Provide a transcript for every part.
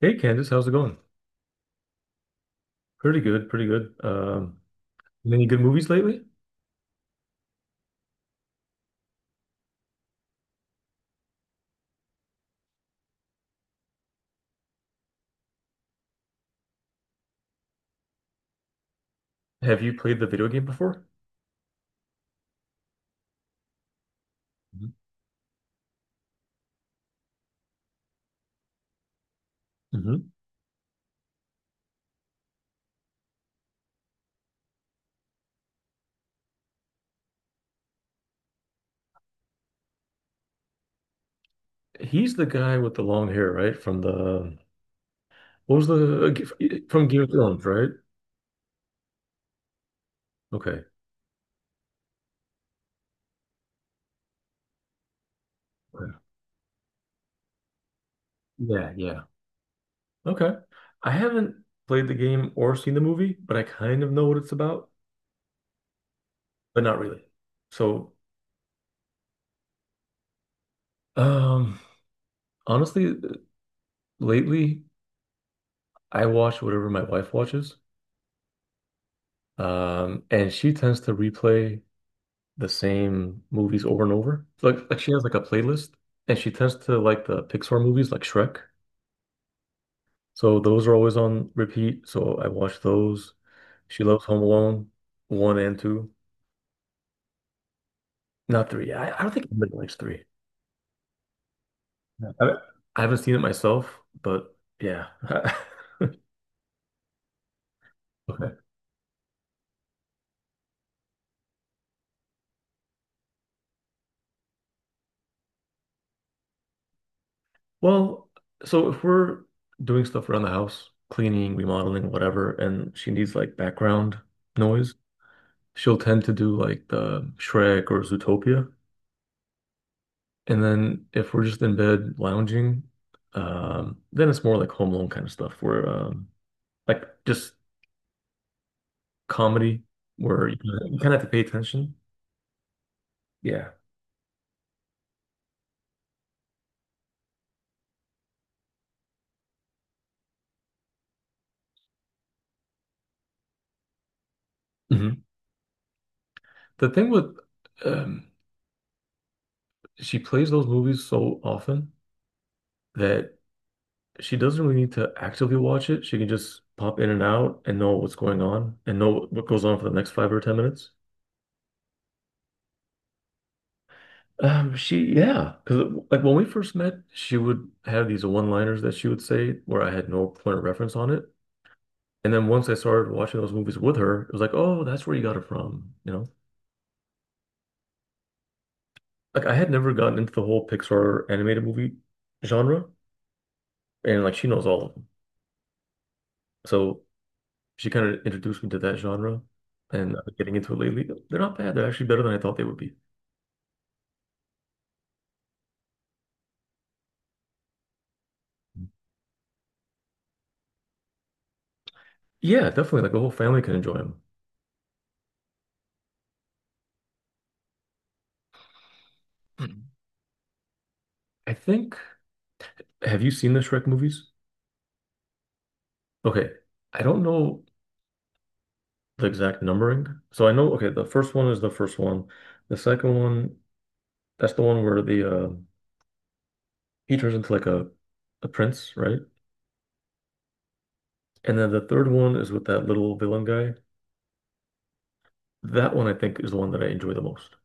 Hey Candice, how's it going? Pretty good, pretty good. Any good movies lately? Have you played the video game before? Mm-hmm. He's the guy with the long hair, right? From the what was the from Game of Thrones, right? Okay. Yeah, yeah, yeah. Okay. I haven't played the game or seen the movie, but I kind of know what it's about, but not really. So, um, honestly, lately I watch whatever my wife watches, and she tends to replay the same movies over and over. Like she has like a playlist, and she tends to like the Pixar movies like Shrek. So those are always on repeat. So I watch those. She loves Home Alone one and two, not three. I don't think anybody likes three. Yeah. I haven't seen it myself, but yeah. Okay. Well, so if we're doing stuff around the house, cleaning, remodeling, whatever, and she needs like background noise, she'll tend to do like the Shrek or Zootopia. And then if we're just in bed lounging, then it's more like Home Alone kind of stuff where like just comedy where you kind of have to pay attention. Yeah. Hmm. The thing with um, she plays those movies so often that she doesn't really need to actively watch it. She can just pop in and out and know what's going on and know what goes on for the next 5 or 10 minutes. She, yeah, because like when we first met, she would have these one-liners that she would say where I had no point of reference on it. And then once I started watching those movies with her, it was like, oh, that's where you got it from, you know? Like I had never gotten into the whole Pixar animated movie genre, and like she knows all of them. So she kind of introduced me to that genre, and I've been getting into it lately. They're not bad. They're actually better than I thought they would be. Yeah, definitely. Like the whole family can enjoy them. Mhm. I think, have you seen the Shrek movies? Okay. I don't know the exact numbering. So I know, okay, the first one is the first one. The second one, that's the one where the he turns into like a prince, right? And then the third one is with that little villain guy. That one I think is the one that I enjoy the most.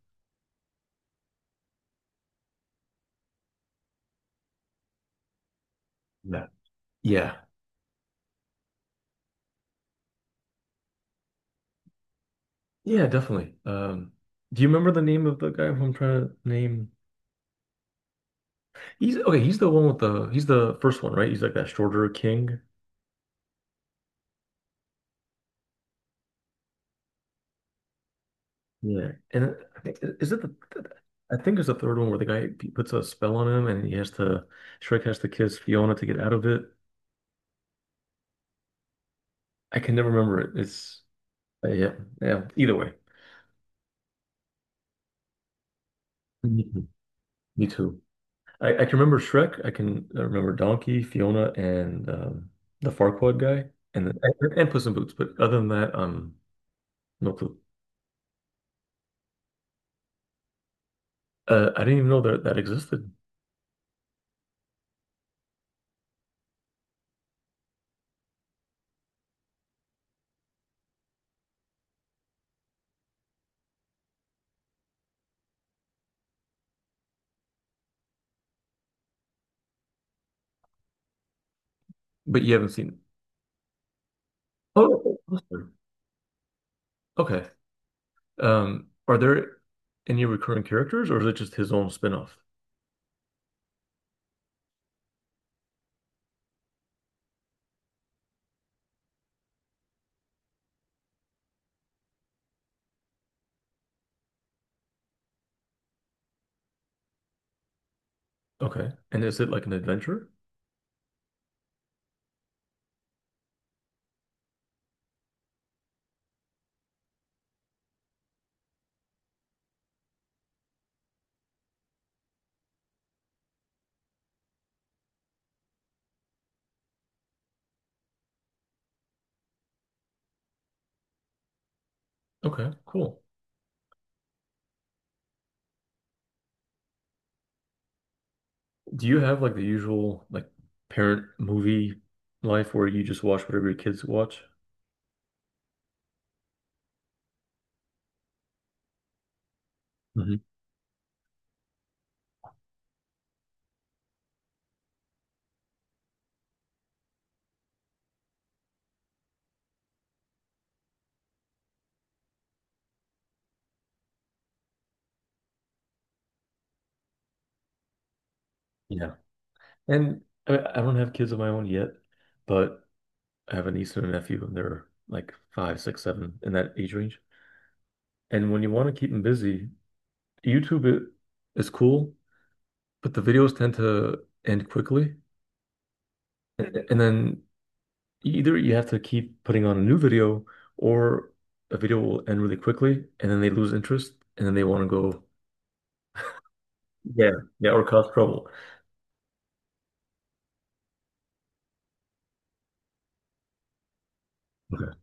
Yeah. Yeah. Yeah, definitely. Do you remember the name of the guy who I'm trying to name? He's okay, he's the one with the, he's the first one, right? He's like that shorter king. Yeah. And I think, is it the, I think it's the third one where the guy puts a spell on him, and he has to Shrek has to kiss Fiona to get out of it. I can never remember it. It's yeah, yeah, either way. Mhm. Me too. I can remember Shrek. I can remember Donkey, Fiona, and the Farquaad guy, and the, and Puss in Boots. But other than that, no clue. I didn't even know that that existed. But you haven't seen it. Oh, Buster. Okay. Are there any recurring characters, or is it just his own spin-off? Okay, and is it like an adventure? Okay, cool. Do you have like the usual like parent movie life where you just watch whatever your kids watch? Mhm. Yeah. And I mean, I don't have kids of my own yet, but I have a niece and a nephew, and they're like five, six, seven in that age range. And when you want to keep them busy, YouTube is cool, but the videos tend to end quickly. And, mhm, and then either you have to keep putting on a new video, or a video will end really quickly, and then they lose interest, and then they want to go, yeah, yeah, or cause trouble. Okay.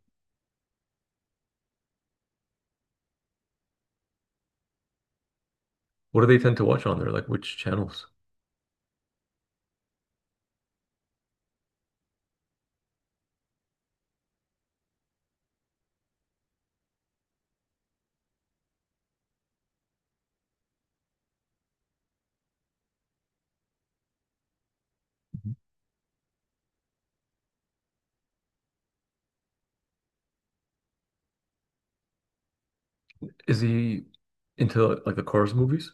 What do they tend to watch on there? Like which channels? Is he into like the chorus movies?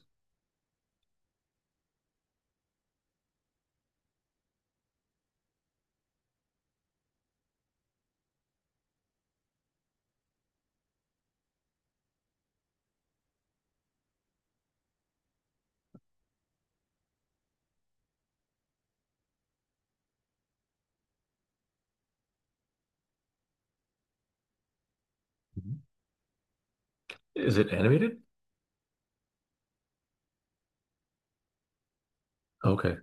Mhm. Is it animated? Okay.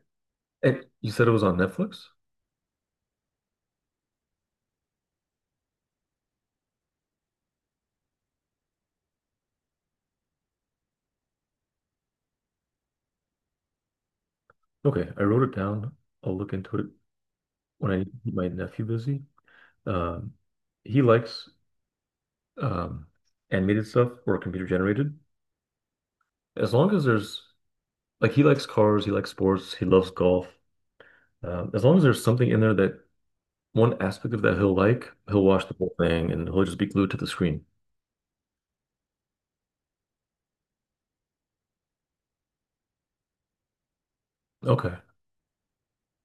And you said it was on Netflix? Okay, I wrote it down. I'll look into it when I keep my nephew busy. Um, he likes um, animated stuff or computer generated. As long as there's like he likes cars, he likes sports, he loves golf. As long as there's something in there that one aspect of that he'll like, he'll watch the whole thing and he'll just be glued to the screen. Okay.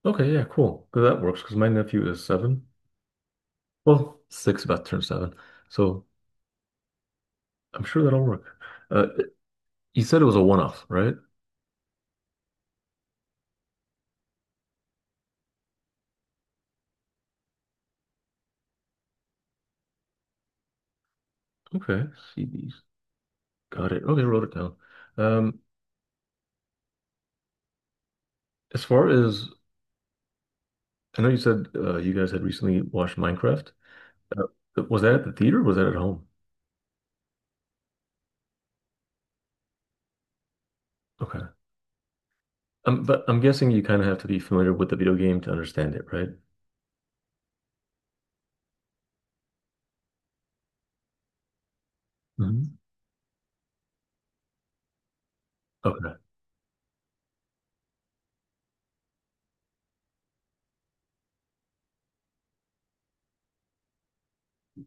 Okay, yeah, cool. 'Cause that works because my nephew is seven. Well, six about to turn seven. So I'm sure that'll work. Uh, you said it was a one-off, right? Okay. CDs. Got it. Okay, wrote it down. Um, As far as I know, you said you guys had recently watched Minecraft. Uh, was that at the theater? Or was that at home? Okay. But I'm guessing you kind of have to be familiar with the video game to understand it, right? Hmm. Okay,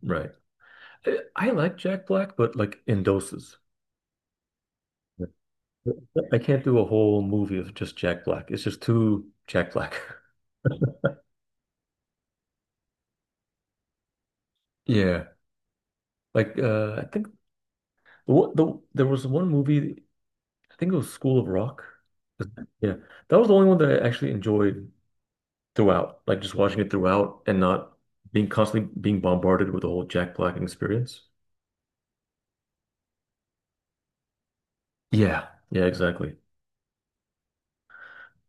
right. I like Jack Black, but like in doses. Yeah. I can't do a whole movie of just Jack Black. It's just too Jack Black. Yeah, like I think there was one movie. I think it was School of Rock. Yeah, that was the only one that I actually enjoyed, throughout, like just watching it throughout and not being constantly being bombarded with the whole Jack Black experience. Yeah. Yeah, exactly.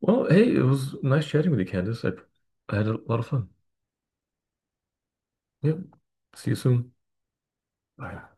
Well, hey, it was nice chatting with you, Candace. I had a lot of fun. Yep. See you soon. Bye.